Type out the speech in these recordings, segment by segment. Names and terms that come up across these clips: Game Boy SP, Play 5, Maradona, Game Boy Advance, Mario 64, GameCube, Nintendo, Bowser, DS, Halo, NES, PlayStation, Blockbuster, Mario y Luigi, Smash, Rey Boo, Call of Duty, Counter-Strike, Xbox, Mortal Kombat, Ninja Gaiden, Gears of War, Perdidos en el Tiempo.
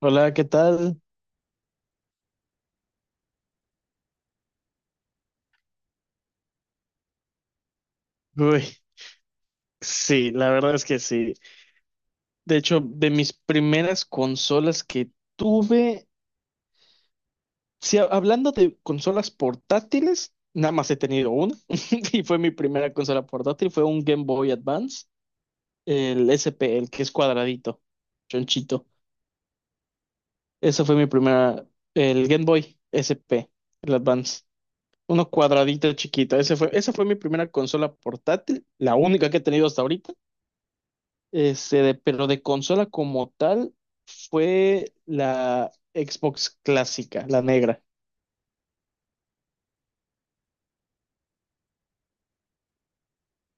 Hola, ¿qué tal? Uy, sí, la verdad es que sí. De hecho, de mis primeras consolas que tuve, sí, hablando de consolas portátiles, nada más he tenido una y fue mi primera consola portátil, fue un Game Boy Advance, el SP, el que es cuadradito, chonchito. Esa fue mi primera, el Game Boy SP, el Advance. Uno cuadradito chiquito, ese fue, esa fue mi primera consola portátil, la única que he tenido hasta ahorita. Este, pero de consola como tal fue la Xbox clásica, la negra.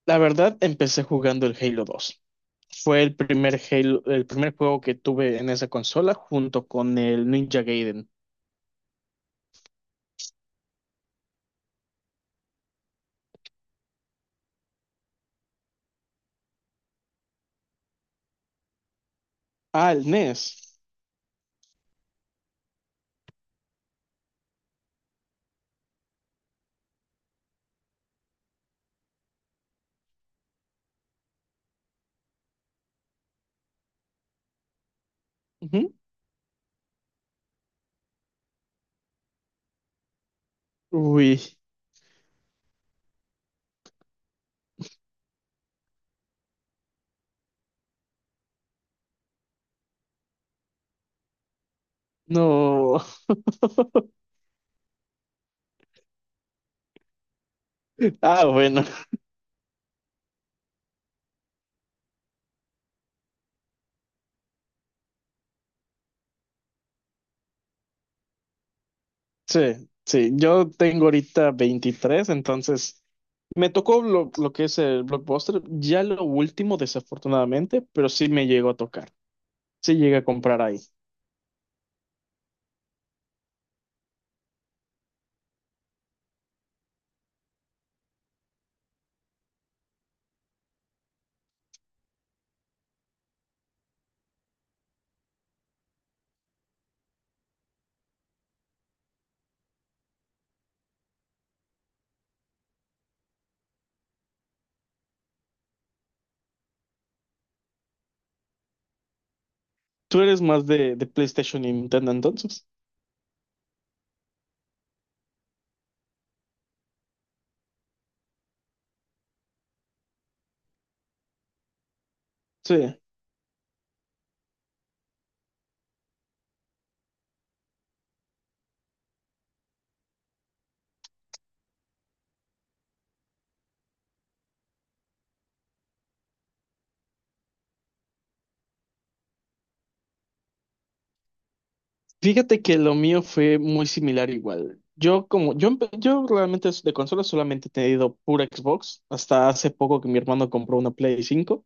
La verdad, empecé jugando el Halo 2. Fue el primer Halo, el primer juego que tuve en esa consola junto con el Ninja Gaiden. Ah, el NES. Ujú. Uy, no. Ah, bueno. Sí, sí. Yo tengo ahorita 23, entonces me tocó lo que es el Blockbuster, ya lo último, desafortunadamente, pero sí me llegó a tocar. Se llega a comprar ahí. Tú eres más de PlayStation y Nintendo entonces. Sí. Fíjate que lo mío fue muy similar igual. Yo como yo realmente de consola solamente he tenido pura Xbox hasta hace poco que mi hermano compró una Play 5.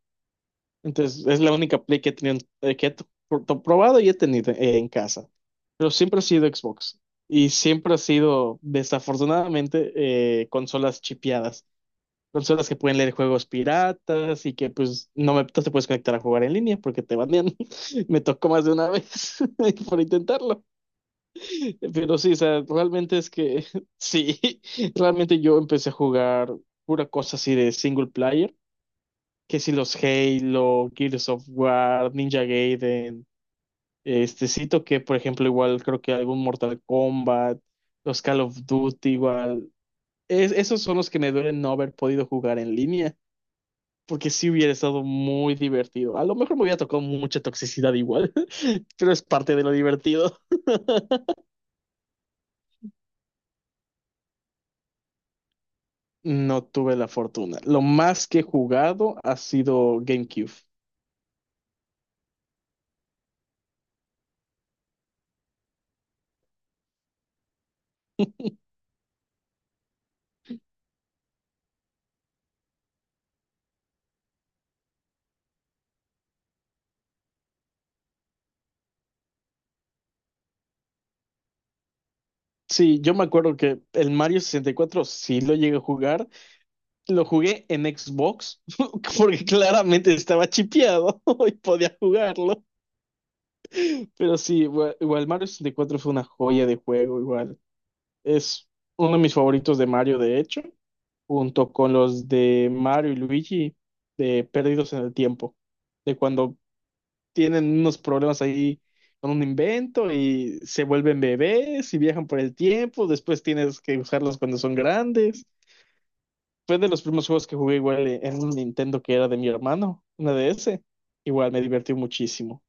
Entonces es la única Play que he tenido, que he probado y he tenido en casa. Pero siempre ha sido Xbox y siempre ha sido, desafortunadamente, consolas chipeadas. Consolas que pueden leer juegos piratas y que pues no, no te puedes conectar a jugar en línea porque te banean. Me tocó más de una vez por intentarlo. Pero sí, o sea, realmente es que sí, realmente yo empecé a jugar pura cosa así de single player, que si los Halo, Gears of War, Ninja Gaiden, este cito que por ejemplo igual creo que algún Mortal Kombat, los Call of Duty igual. Esos son los que me duelen no haber podido jugar en línea porque sí hubiera estado muy divertido. A lo mejor me hubiera tocado mucha toxicidad igual, pero es parte de lo divertido. No tuve la fortuna. Lo más que he jugado ha sido GameCube. Sí, yo me acuerdo que el Mario 64 sí lo llegué a jugar. Lo jugué en Xbox porque claramente estaba chipeado y podía jugarlo. Pero sí, igual, igual Mario 64 fue una joya de juego, igual. Es uno de mis favoritos de Mario, de hecho, junto con los de Mario y Luigi de Perdidos en el Tiempo, de cuando tienen unos problemas ahí con un invento y se vuelven bebés y viajan por el tiempo, después tienes que usarlos cuando son grandes. Fue de los primeros juegos que jugué igual en un Nintendo que era de mi hermano, una DS. Igual me divertí muchísimo.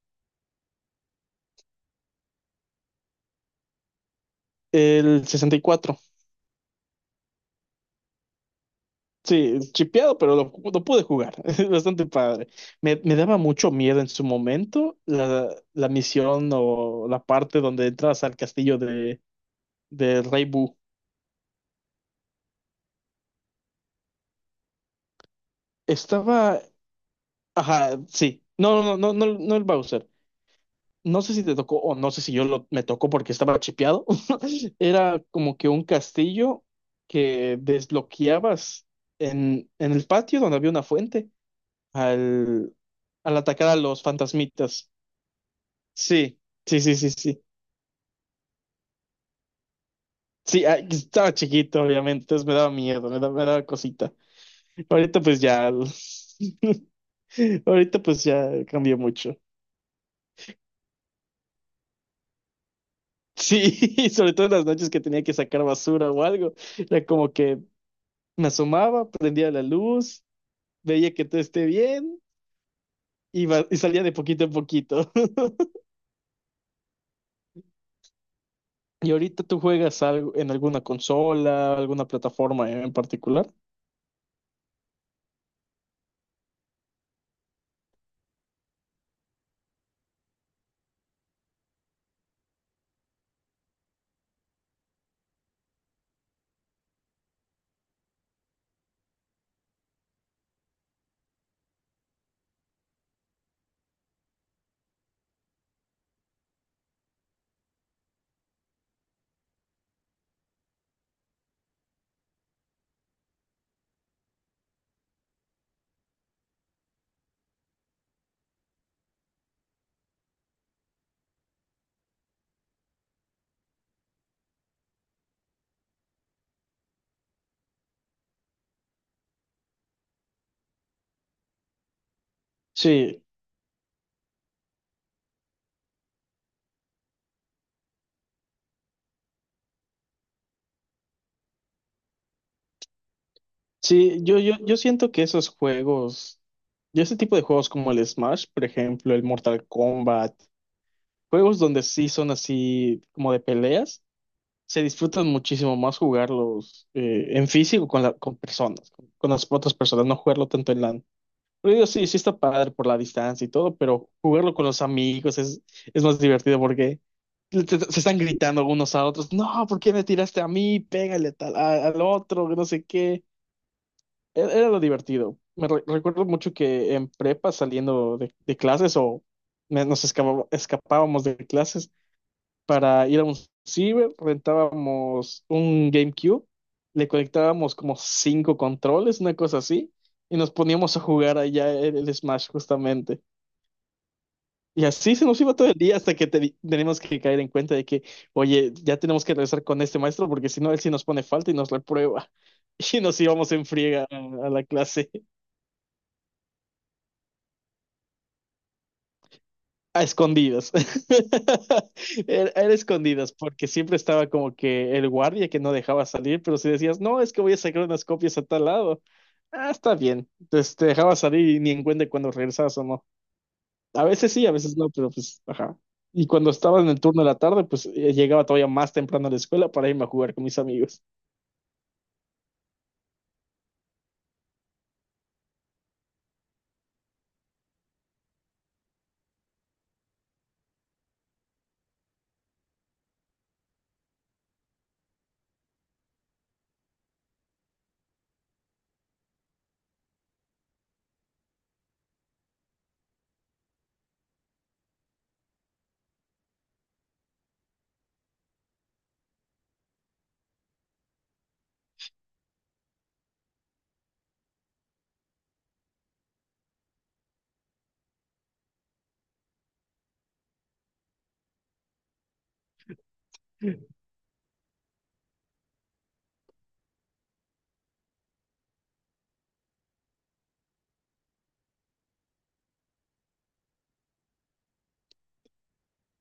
El 64. Sí, chipeado, pero lo pude jugar. Es bastante padre. Me daba mucho miedo en su momento la misión o la parte donde entras al castillo de Rey Boo. Estaba. Ajá, sí. No, no, no, no, no, no el Bowser. No sé si te tocó o no sé si yo me tocó porque estaba chipeado. Era como que un castillo que desbloqueabas en el patio donde había una fuente al, al atacar a los fantasmitas. Sí, sí, sí, sí, sí. Sí, ah, estaba chiquito, obviamente, entonces me daba miedo, me daba cosita. Ahorita pues ya, ahorita pues ya cambió mucho. Sí, sobre todo en las noches que tenía que sacar basura o algo, era como que me asomaba, prendía la luz, veía que todo esté bien y, y salía de poquito en poquito. ¿Y ahorita tú juegas algo en alguna consola, alguna plataforma en particular? Sí, sí, yo siento que esos juegos, yo ese tipo de juegos como el Smash, por ejemplo, el Mortal Kombat, juegos donde sí son así como de peleas. Se disfrutan muchísimo más jugarlos, en físico con, con personas, con las otras personas, no jugarlo tanto en LAN. Pero digo, sí, sí está padre por la distancia y todo, pero jugarlo con los amigos es más divertido porque se están gritando unos a otros, no, ¿por qué me tiraste a mí? Pégale a tal, al otro, que no sé qué. Era lo divertido. Me recuerdo mucho que en prepa saliendo de clases o nos escapábamos de clases para ir a un ciber, rentábamos un GameCube, le conectábamos como cinco controles, una cosa así, y nos poníamos a jugar allá el Smash justamente. Y así se nos iba todo el día hasta que tenemos que caer en cuenta de que, oye, ya tenemos que regresar con este maestro porque si no, él sí nos pone falta y nos reprueba. Y nos íbamos en friega a la clase. A escondidas. Era escondidas, porque siempre estaba como que el guardia que no dejaba salir, pero si decías, no, es que voy a sacar unas copias a tal lado, ah, está bien. Entonces te dejaba salir y ni en cuenta cuando regresabas o no. A veces sí, a veces no, pero pues, ajá. Y cuando estaba en el turno de la tarde, pues llegaba todavía más temprano a la escuela para irme a jugar con mis amigos.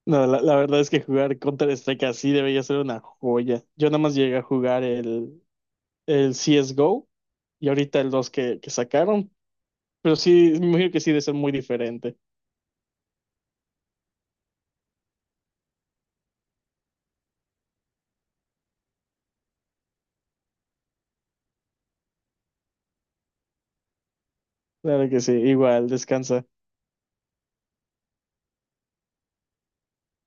No, la verdad es que jugar Counter-Strike así debería ser una joya. Yo nada más llegué a jugar el CSGO y ahorita el 2 que sacaron. Pero sí, me imagino que sí, de ser muy diferente. Claro que sí, igual, descansa.